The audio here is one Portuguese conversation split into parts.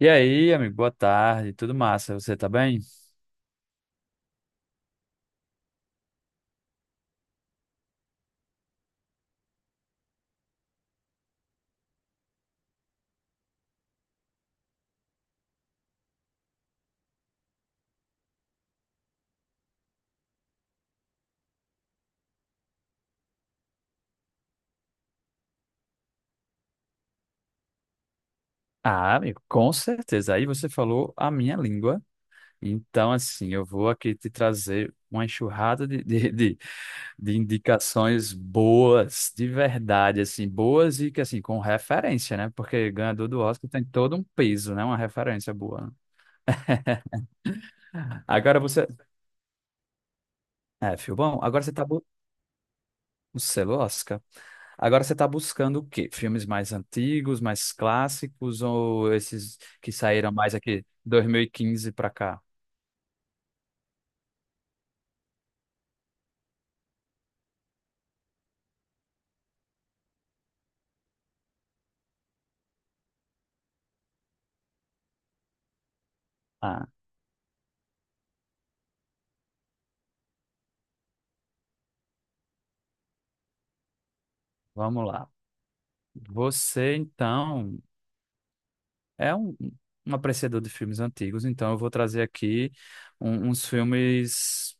E aí, amigo, boa tarde, tudo massa, você tá bem? Ah, amigo, com certeza. Aí você falou a minha língua. Então, assim, eu vou aqui te trazer uma enxurrada de indicações boas, de verdade, assim, boas e que, assim, com referência, né? Porque ganhador do Oscar tem todo um peso, né? Uma referência boa, né. Agora você. É, Filbão, agora você tá. Você lasca. Agora você está buscando o quê? Filmes mais antigos, mais clássicos ou esses que saíram mais aqui 2015 para cá? Ah, vamos lá. Você então é um apreciador de filmes antigos, então eu vou trazer aqui uns filmes.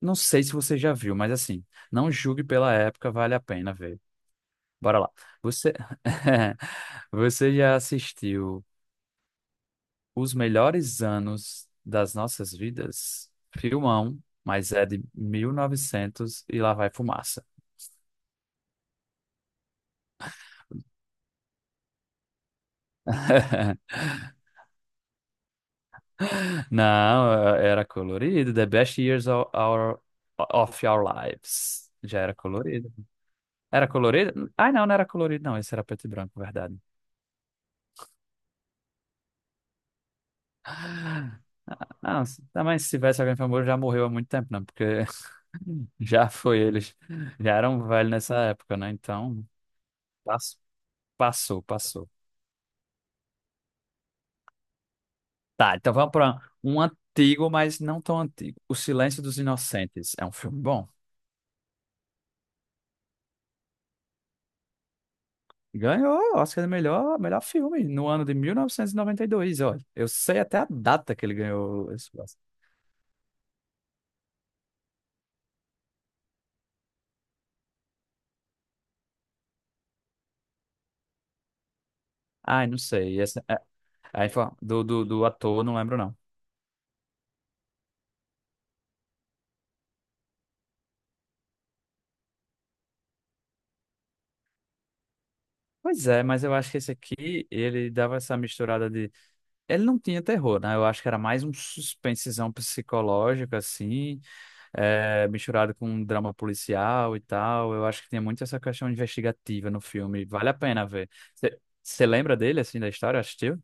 Não sei se você já viu, mas assim, não julgue pela época, vale a pena ver. Bora lá. Você, Você já assistiu? Os melhores anos das nossas vidas. Filmão, mas é de 1900 e lá vai fumaça. Não, era colorido. The best years of our lives. Já era colorido. Era colorido? Ai, não, não era colorido, não. Esse era preto e branco, verdade. Ah, não, também se tivesse alguém famoso, já morreu há muito tempo, né? Porque já foi eles. Já eram velhos nessa época, né? Então, pass- passou, passou. Tá, então vamos para um antigo, mas não tão antigo. O Silêncio dos Inocentes é um filme bom. Ganhou o Oscar de melhor filme no ano de mil novecentos e noventa e dois. Olha, eu sei até a data que ele ganhou esse Oscar. Ai, não sei. Essa, é, a info- do ator, não lembro não. Pois é, mas eu acho que esse aqui, ele dava essa misturada de... Ele não tinha terror, né? Eu acho que era mais um suspensezão psicológico, assim, misturado com um drama policial e tal. Eu acho que tem muito essa questão investigativa no filme. Vale a pena ver. Você lembra dele, assim, da história? Assistiu?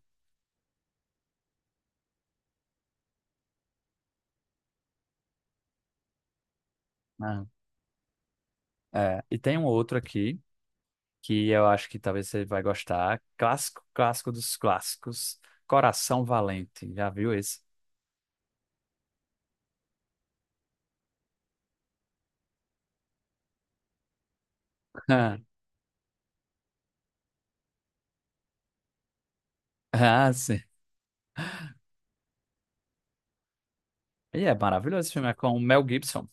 Não. É, e tem um outro aqui que eu acho que talvez você vai gostar. Clássico, clássico dos clássicos. Coração Valente. Já viu esse? Ah, sim. E é maravilhoso esse filme. É com o Mel Gibson.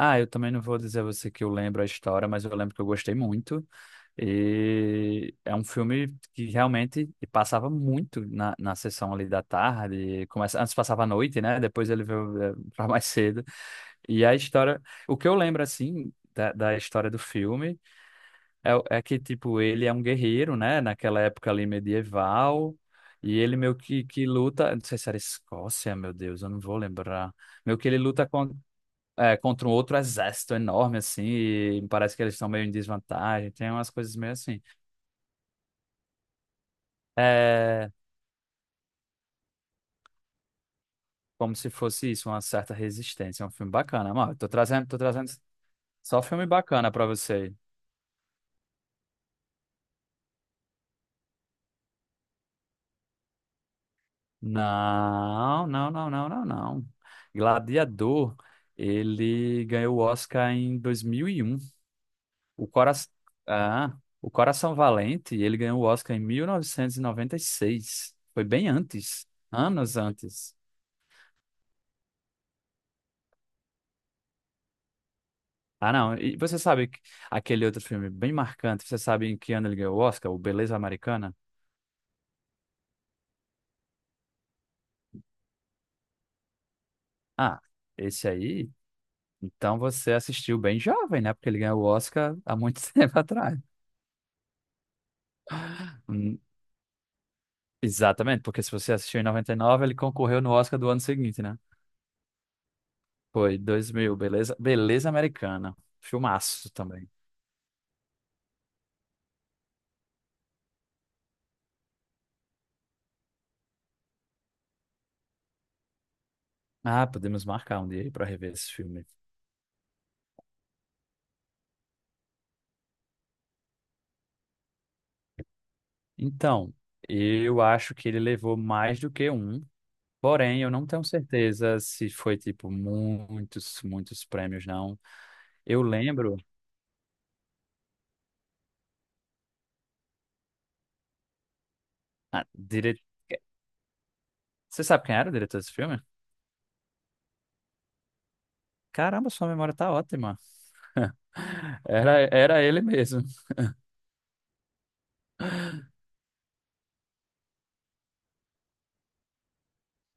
Ah, eu também não vou dizer a você que eu lembro a história, mas eu lembro que eu gostei muito. E é um filme que realmente passava muito na sessão ali da tarde. Começa, antes passava à noite, né? Depois ele veio pra mais cedo. E a história. O que eu lembro, assim, da história do filme é que, tipo, ele é um guerreiro, né? Naquela época ali medieval. E ele meio que luta. Não sei se era Escócia, meu Deus, eu não vou lembrar. Meio que ele luta com, contra um outro exército enorme, assim. E parece que eles estão meio em desvantagem. Tem umas coisas meio assim. É como se fosse isso, uma certa resistência. É um filme bacana, mano. Tô trazendo só filme bacana pra você. Não, não, não, não, não, não. Gladiador, ele ganhou o Oscar em 2001. O Cora... o Coração Valente, ele ganhou o Oscar em mil novecentos e noventa e seis. Foi bem antes, anos antes. Ah, não. E você sabe aquele outro filme bem marcante? Você sabe em que ano ele ganhou o Oscar? O Beleza Americana? Ah, esse aí. Então você assistiu bem jovem, né? Porque ele ganhou o Oscar há muito tempo atrás. Hum, Exatamente, porque se você assistiu em 99, ele concorreu no Oscar do ano seguinte, né? Foi 2000, beleza americana. Filmaço também. Ah, podemos marcar um dia aí para rever esse filme. Então, eu acho que ele levou mais do que um, porém eu não tenho certeza se foi tipo muitos, muitos prêmios, não. Eu lembro, ah, dire... você sabe quem era o diretor desse filme? Caramba, sua memória tá ótima. Era ele mesmo.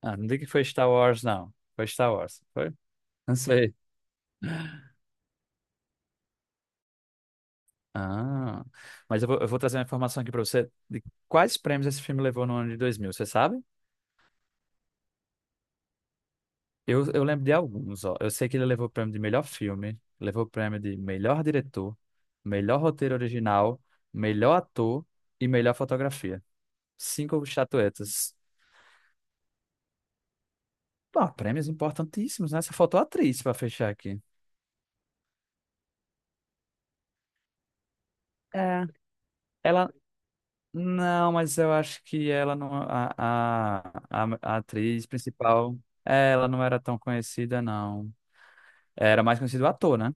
Ah, não diga que foi Star Wars, não. Foi Star Wars, foi? Não sei. Ah, mas eu vou trazer uma informação aqui para você de quais prêmios esse filme levou no ano de 2000, você sabe? Eu lembro de alguns, ó. Eu sei que ele levou o prêmio de melhor filme, levou o prêmio de melhor diretor, melhor roteiro original, melhor ator e melhor fotografia. Cinco estatuetas. Pô, prêmios importantíssimos, né? Só faltou a atriz para fechar aqui. É. ela Não, mas eu acho que ela não. A atriz principal, ela não era tão conhecida, não. Era mais conhecido o ator, né?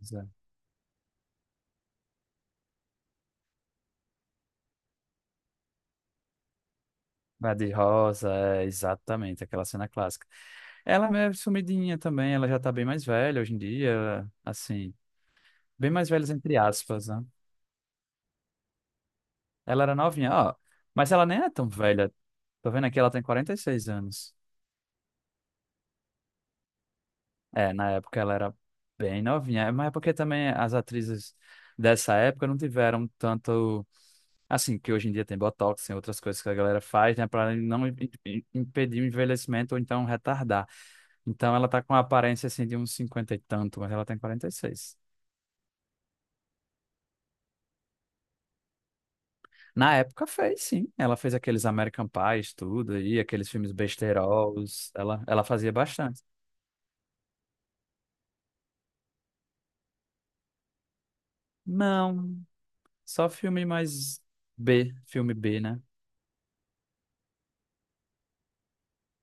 Exato. Bad Rosa, exatamente, aquela cena clássica. Ela é meio sumidinha também, ela já tá bem mais velha hoje em dia, assim, bem mais velha entre aspas, né? Ela era novinha, ó, mas ela nem é tão velha. Tô vendo aqui, ela tem 46 anos. É, na época ela era bem novinha. É, mas é porque também as atrizes dessa época não tiveram tanto, assim, que hoje em dia tem botox, tem outras coisas que a galera faz, né, para não impedir o envelhecimento ou então retardar. Então ela tá com a aparência assim de uns 50 e tanto, mas ela tem 46. Na época fez, sim. Ela fez aqueles American Pies, tudo e aqueles filmes besteiros, ela fazia bastante. Não, só filme mais B, filme B, né?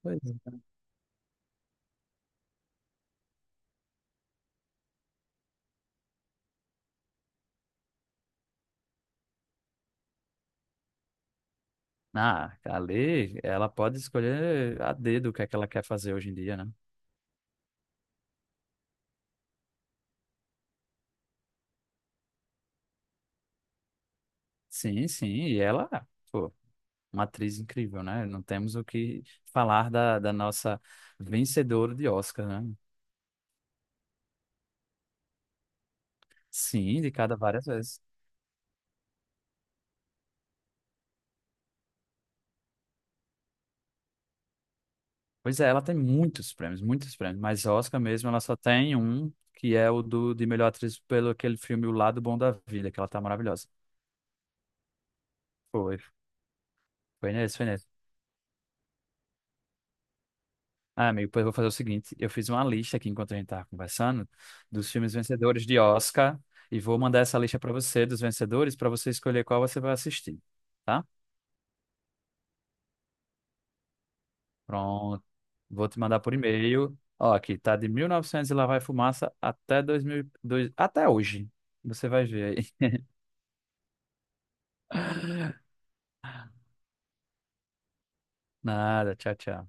Pois é. Ah, ali ela pode escolher a dedo o que é que ela quer fazer hoje em dia, né? Sim, sim, e ela, pô, uma atriz incrível, né? Não temos o que falar da nossa vencedora de Oscar, né? Sim, indicada várias vezes. Pois é, ela tem muitos prêmios, mas Oscar mesmo ela só tem um, que é de melhor atriz pelo aquele filme O Lado Bom da Vida, que ela tá maravilhosa. Foi, foi nesse, foi nesse. Ah, amigo, pois eu vou fazer o seguinte: eu fiz uma lista aqui enquanto a gente estava conversando dos filmes vencedores de Oscar e vou mandar essa lista para você dos vencedores para você escolher qual você vai assistir, tá? Pronto. Vou te mandar por e-mail. Ó, aqui tá de 1900 e novecentos e lá vai fumaça até 2002, até hoje. Você vai ver aí. Nada, tchau, tchau.